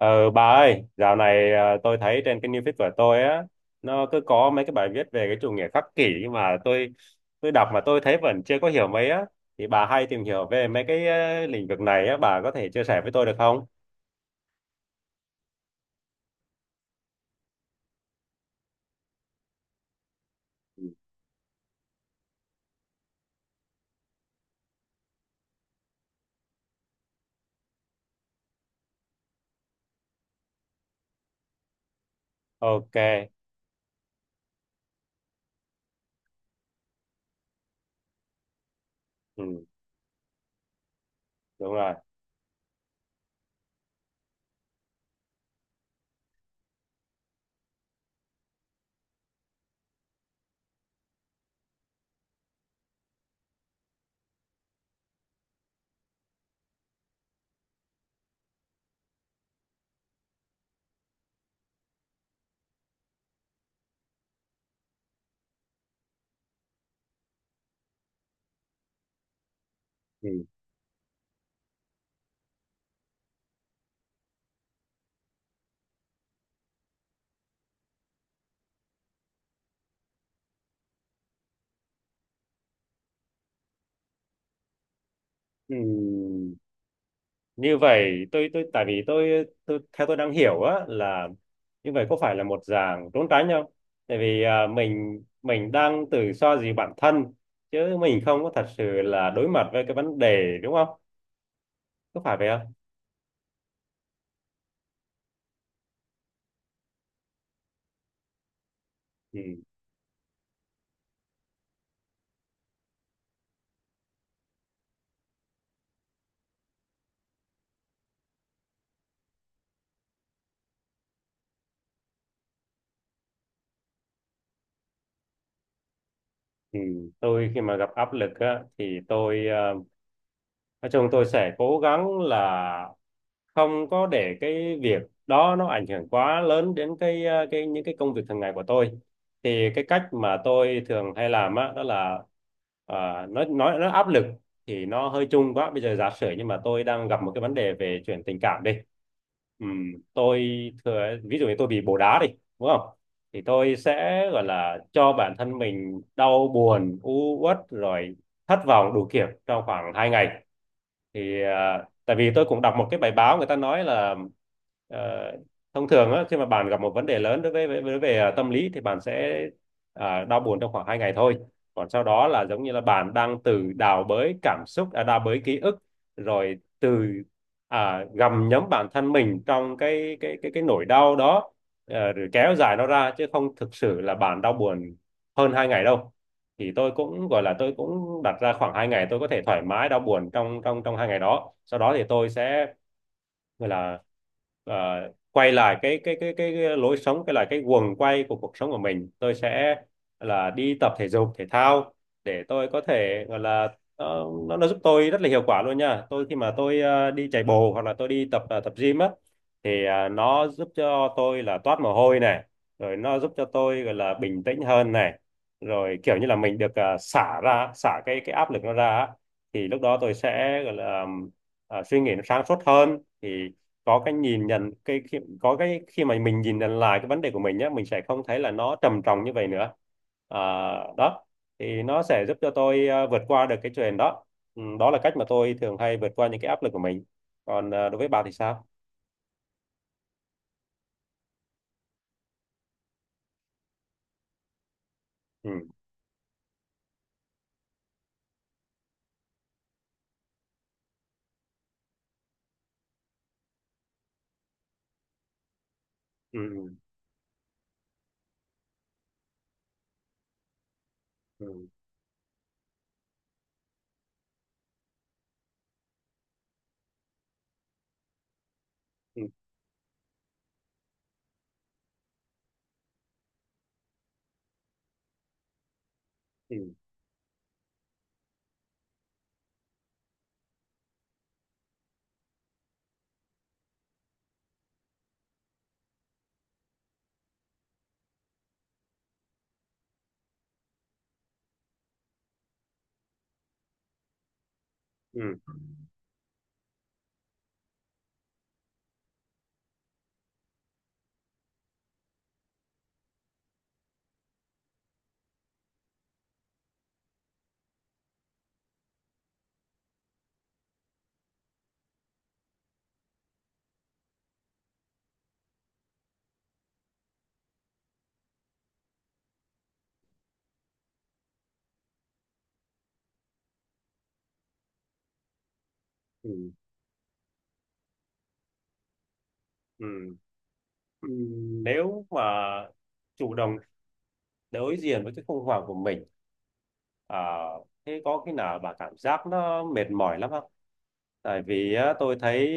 Ờ, bà ơi, dạo này à, tôi thấy trên cái new feed của tôi á, nó cứ có mấy cái bài viết về cái chủ nghĩa khắc kỷ, nhưng mà tôi đọc mà tôi thấy vẫn chưa có hiểu mấy á. Thì bà hay tìm hiểu về mấy cái lĩnh vực này á, bà có thể chia sẻ với tôi được không? Ok. Ừ, đúng rồi. Ừ. Ừ. Như vậy tôi tại vì tôi theo tôi đang hiểu á là, như vậy có phải là một dạng trốn tránh không? Tại vì à, mình đang tự so gì bản thân, chứ mình không có thật sự là đối mặt với cái vấn đề, đúng không? Có phải vậy không? Ừ. Ừ. Tôi khi mà gặp áp lực á thì tôi à, nói chung tôi sẽ cố gắng là không có để cái việc đó nó ảnh hưởng quá lớn đến cái cái những cái công việc thường ngày của tôi. Thì cái cách mà tôi thường hay làm á đó là nói nó áp lực thì nó hơi chung quá. Bây giờ giả sử, nhưng mà tôi đang gặp một cái vấn đề về chuyện tình cảm đi. Tôi thừa ví dụ như tôi bị bồ đá đi, đúng không? Thì tôi sẽ gọi là cho bản thân mình đau buồn, u uất rồi thất vọng đủ kiểu trong khoảng 2 ngày. Thì à, tại vì tôi cũng đọc một cái bài báo người ta nói là ờ, thông thường á, khi mà bạn gặp một vấn đề lớn đối với về à, tâm lý, thì bạn sẽ à, đau buồn trong khoảng 2 ngày thôi. Còn sau đó là giống như là bạn đang từ đào bới cảm xúc, à, đào bới ký ức, rồi từ à, gặm nhấm bản thân mình trong cái nỗi đau đó, rồi kéo dài nó ra, chứ không thực sự là bạn đau buồn hơn 2 ngày đâu. Thì tôi cũng gọi là tôi cũng đặt ra khoảng 2 ngày, tôi có thể thoải mái đau buồn trong trong trong 2 ngày đó, sau đó thì tôi sẽ gọi là ờ, quay lại cái lối sống, cái là cái guồng quay của cuộc sống của mình. Tôi sẽ là đi tập thể dục thể thao để tôi có thể gọi là, nó giúp tôi rất là hiệu quả luôn nha. Tôi khi mà tôi đi chạy bộ hoặc là tôi đi tập gym á, thì nó giúp cho tôi là toát mồ hôi này, rồi nó giúp cho tôi gọi là bình tĩnh hơn này, rồi kiểu như là mình được xả cái áp lực nó ra á. Thì lúc đó tôi sẽ gọi là suy nghĩ nó sáng suốt hơn. Thì có cái khi mà mình nhìn nhận lại cái vấn đề của mình nhé, mình sẽ không thấy là nó trầm trọng như vậy nữa. À, đó, thì nó sẽ giúp cho tôi à, vượt qua được cái chuyện đó. Ừ, đó là cách mà tôi thường hay vượt qua những cái áp lực của mình. Còn à, đối với bà thì sao? Ừ. Ừ. Ừ. Ừ. Ừ. Ừ. Ừ. Ừ. Ừ, nếu mà chủ động đối diện với cái khủng hoảng của mình, à, thế có khi nào bà cảm giác nó mệt mỏi lắm không? Tại vì á, tôi thấy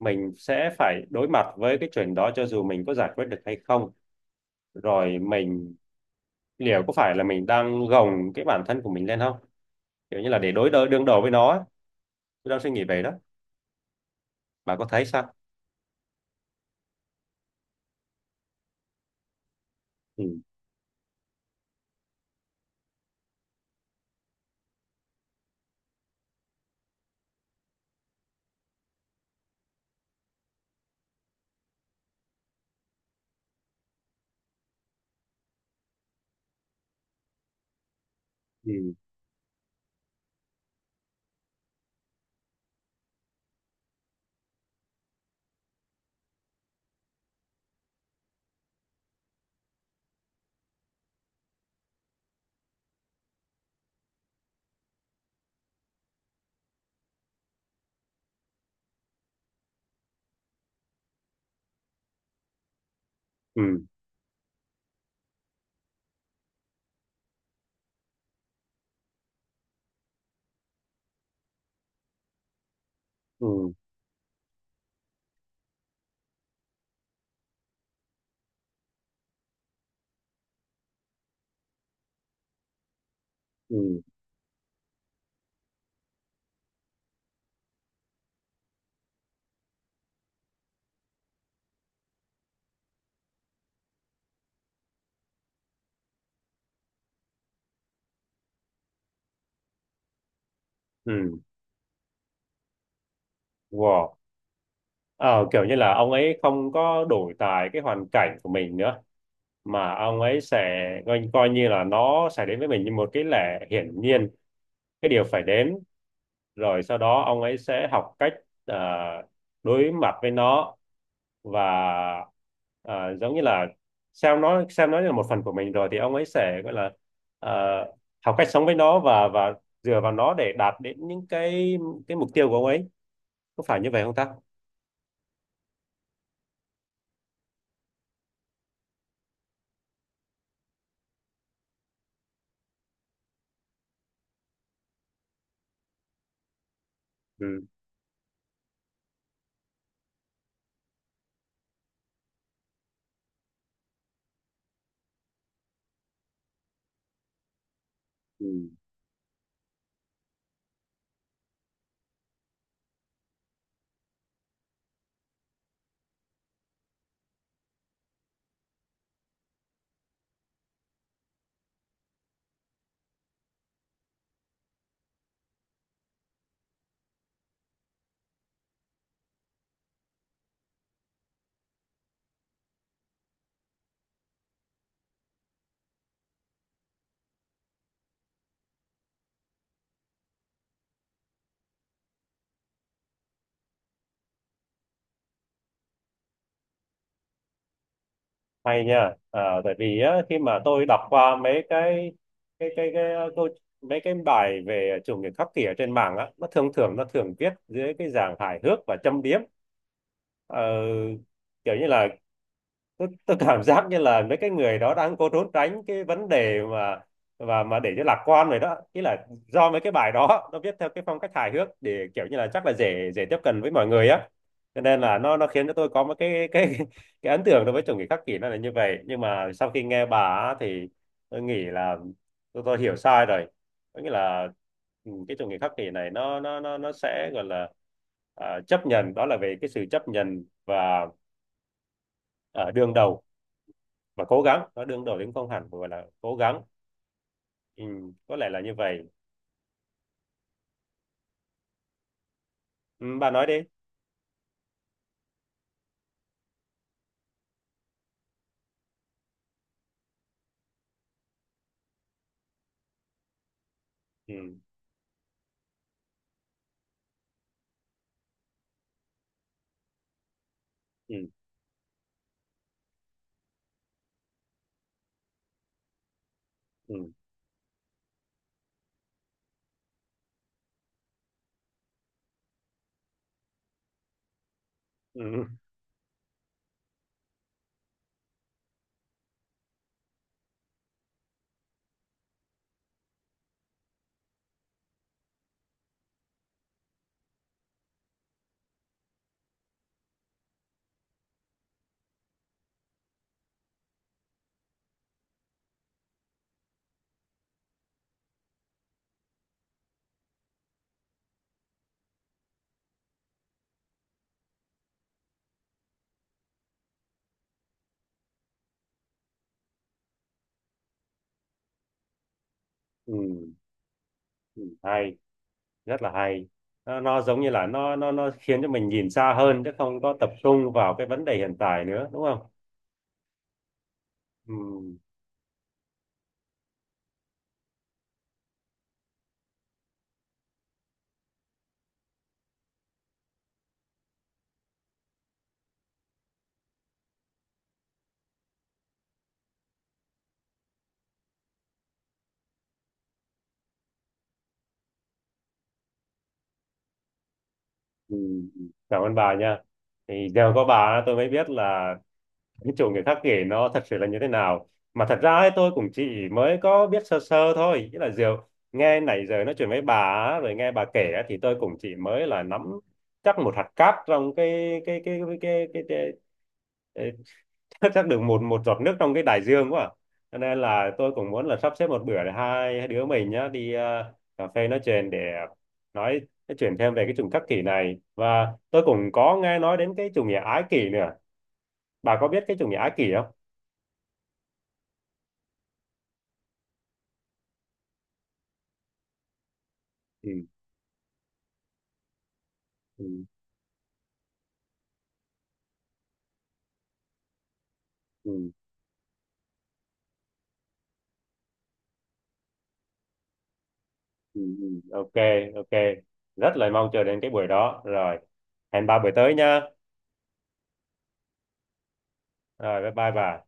mình sẽ phải đối mặt với cái chuyện đó cho dù mình có giải quyết được hay không. Rồi mình liệu có phải là mình đang gồng cái bản thân của mình lên không? Kiểu như là để đối đỡ đương đầu với nó á. Tôi đang suy nghĩ về đó. Bà có thấy sao? Ừ. Ừ. Ừ. Ừ. Ừ. Ừ. Wow. Ờ, Kiểu như là ông ấy không có đổi tài cái hoàn cảnh của mình nữa, mà ông ấy sẽ coi như là nó sẽ đến với mình như một cái lẽ hiển nhiên, cái điều phải đến. Rồi sau đó ông ấy sẽ học cách à, đối mặt với nó, và à, giống như là xem nó như là một phần của mình. Rồi thì ông ấy sẽ gọi là à, học cách sống với nó, và dựa vào nó để đạt đến những cái mục tiêu của ông ấy. Có phải như vậy không ta? Ừ. Ừ. Hay nha. À, tại vì á, khi mà tôi đọc qua mấy cái ờ, câu mấy cái bài về chủ nghĩa khắc kỷ ở trên mạng á, nó thường thường nó thường viết dưới cái dạng hài hước và châm biếm. Ờ, Kiểu như là tôi cảm giác như là mấy cái người đó đang cố trốn tránh cái vấn đề, mà và mà để cho lạc quan rồi đó. Ý là do mấy cái bài đó nó viết theo cái phong cách hài hước để kiểu như là chắc là dễ, dễ tiếp cận với mọi người á, cho nên là nó khiến cho tôi có một cái cái ấn tượng đối với chủ nghĩa khắc kỷ nó là như vậy. Nhưng mà sau khi nghe bà á thì tôi nghĩ là tôi hiểu sai rồi. Có nghĩa là ừ, cái chủ nghĩa khắc kỷ này nó sẽ gọi là à, chấp nhận, đó là về cái sự chấp nhận và à, đương đầu. Mà cố gắng nó đương đầu đến không hẳn gọi là cố gắng. Ừ, có lẽ là như vậy. Ừ, bà nói đi. Ừ. Ừ. Ừ. Ừ. Ừ. Ừ. Hay, rất là hay. Nó giống như là nó khiến cho mình nhìn xa hơn chứ không có tập trung vào cái vấn đề hiện tại nữa, đúng không? Ừ. Ừ. Ừ. Cảm ơn bà nha. Thì giờ có bà tôi mới biết là cái chỗ người khác kể nó thật sự là như thế nào. Mà thật ra ấy, tôi cũng chỉ mới có biết sơ sơ thôi, nghĩa là Diệu nghe nãy giờ nói chuyện với bà á, rồi nghe bà kể á, thì tôi cũng chỉ mới là nắm chắc một hạt cát trong cái Ê, chắc được một một giọt nước trong cái đại dương quá à. Cho nên là tôi cũng muốn là sắp xếp một bữa để hai đứa mình nhá đi cà phê nói chuyện để nói, nói chuyện thêm về cái chủng khắc kỷ này, và tôi cũng có nghe nói đến cái chủ nghĩa ái kỷ nữa. Bà có biết cái chủ nghĩa ái kỷ không? Ừ. Ừ. Ừ. Ừ. Ừ. Ok. Ok. Rất là mong chờ đến cái buổi đó rồi. Hẹn 3 buổi tới nha. Rồi bye bye bà.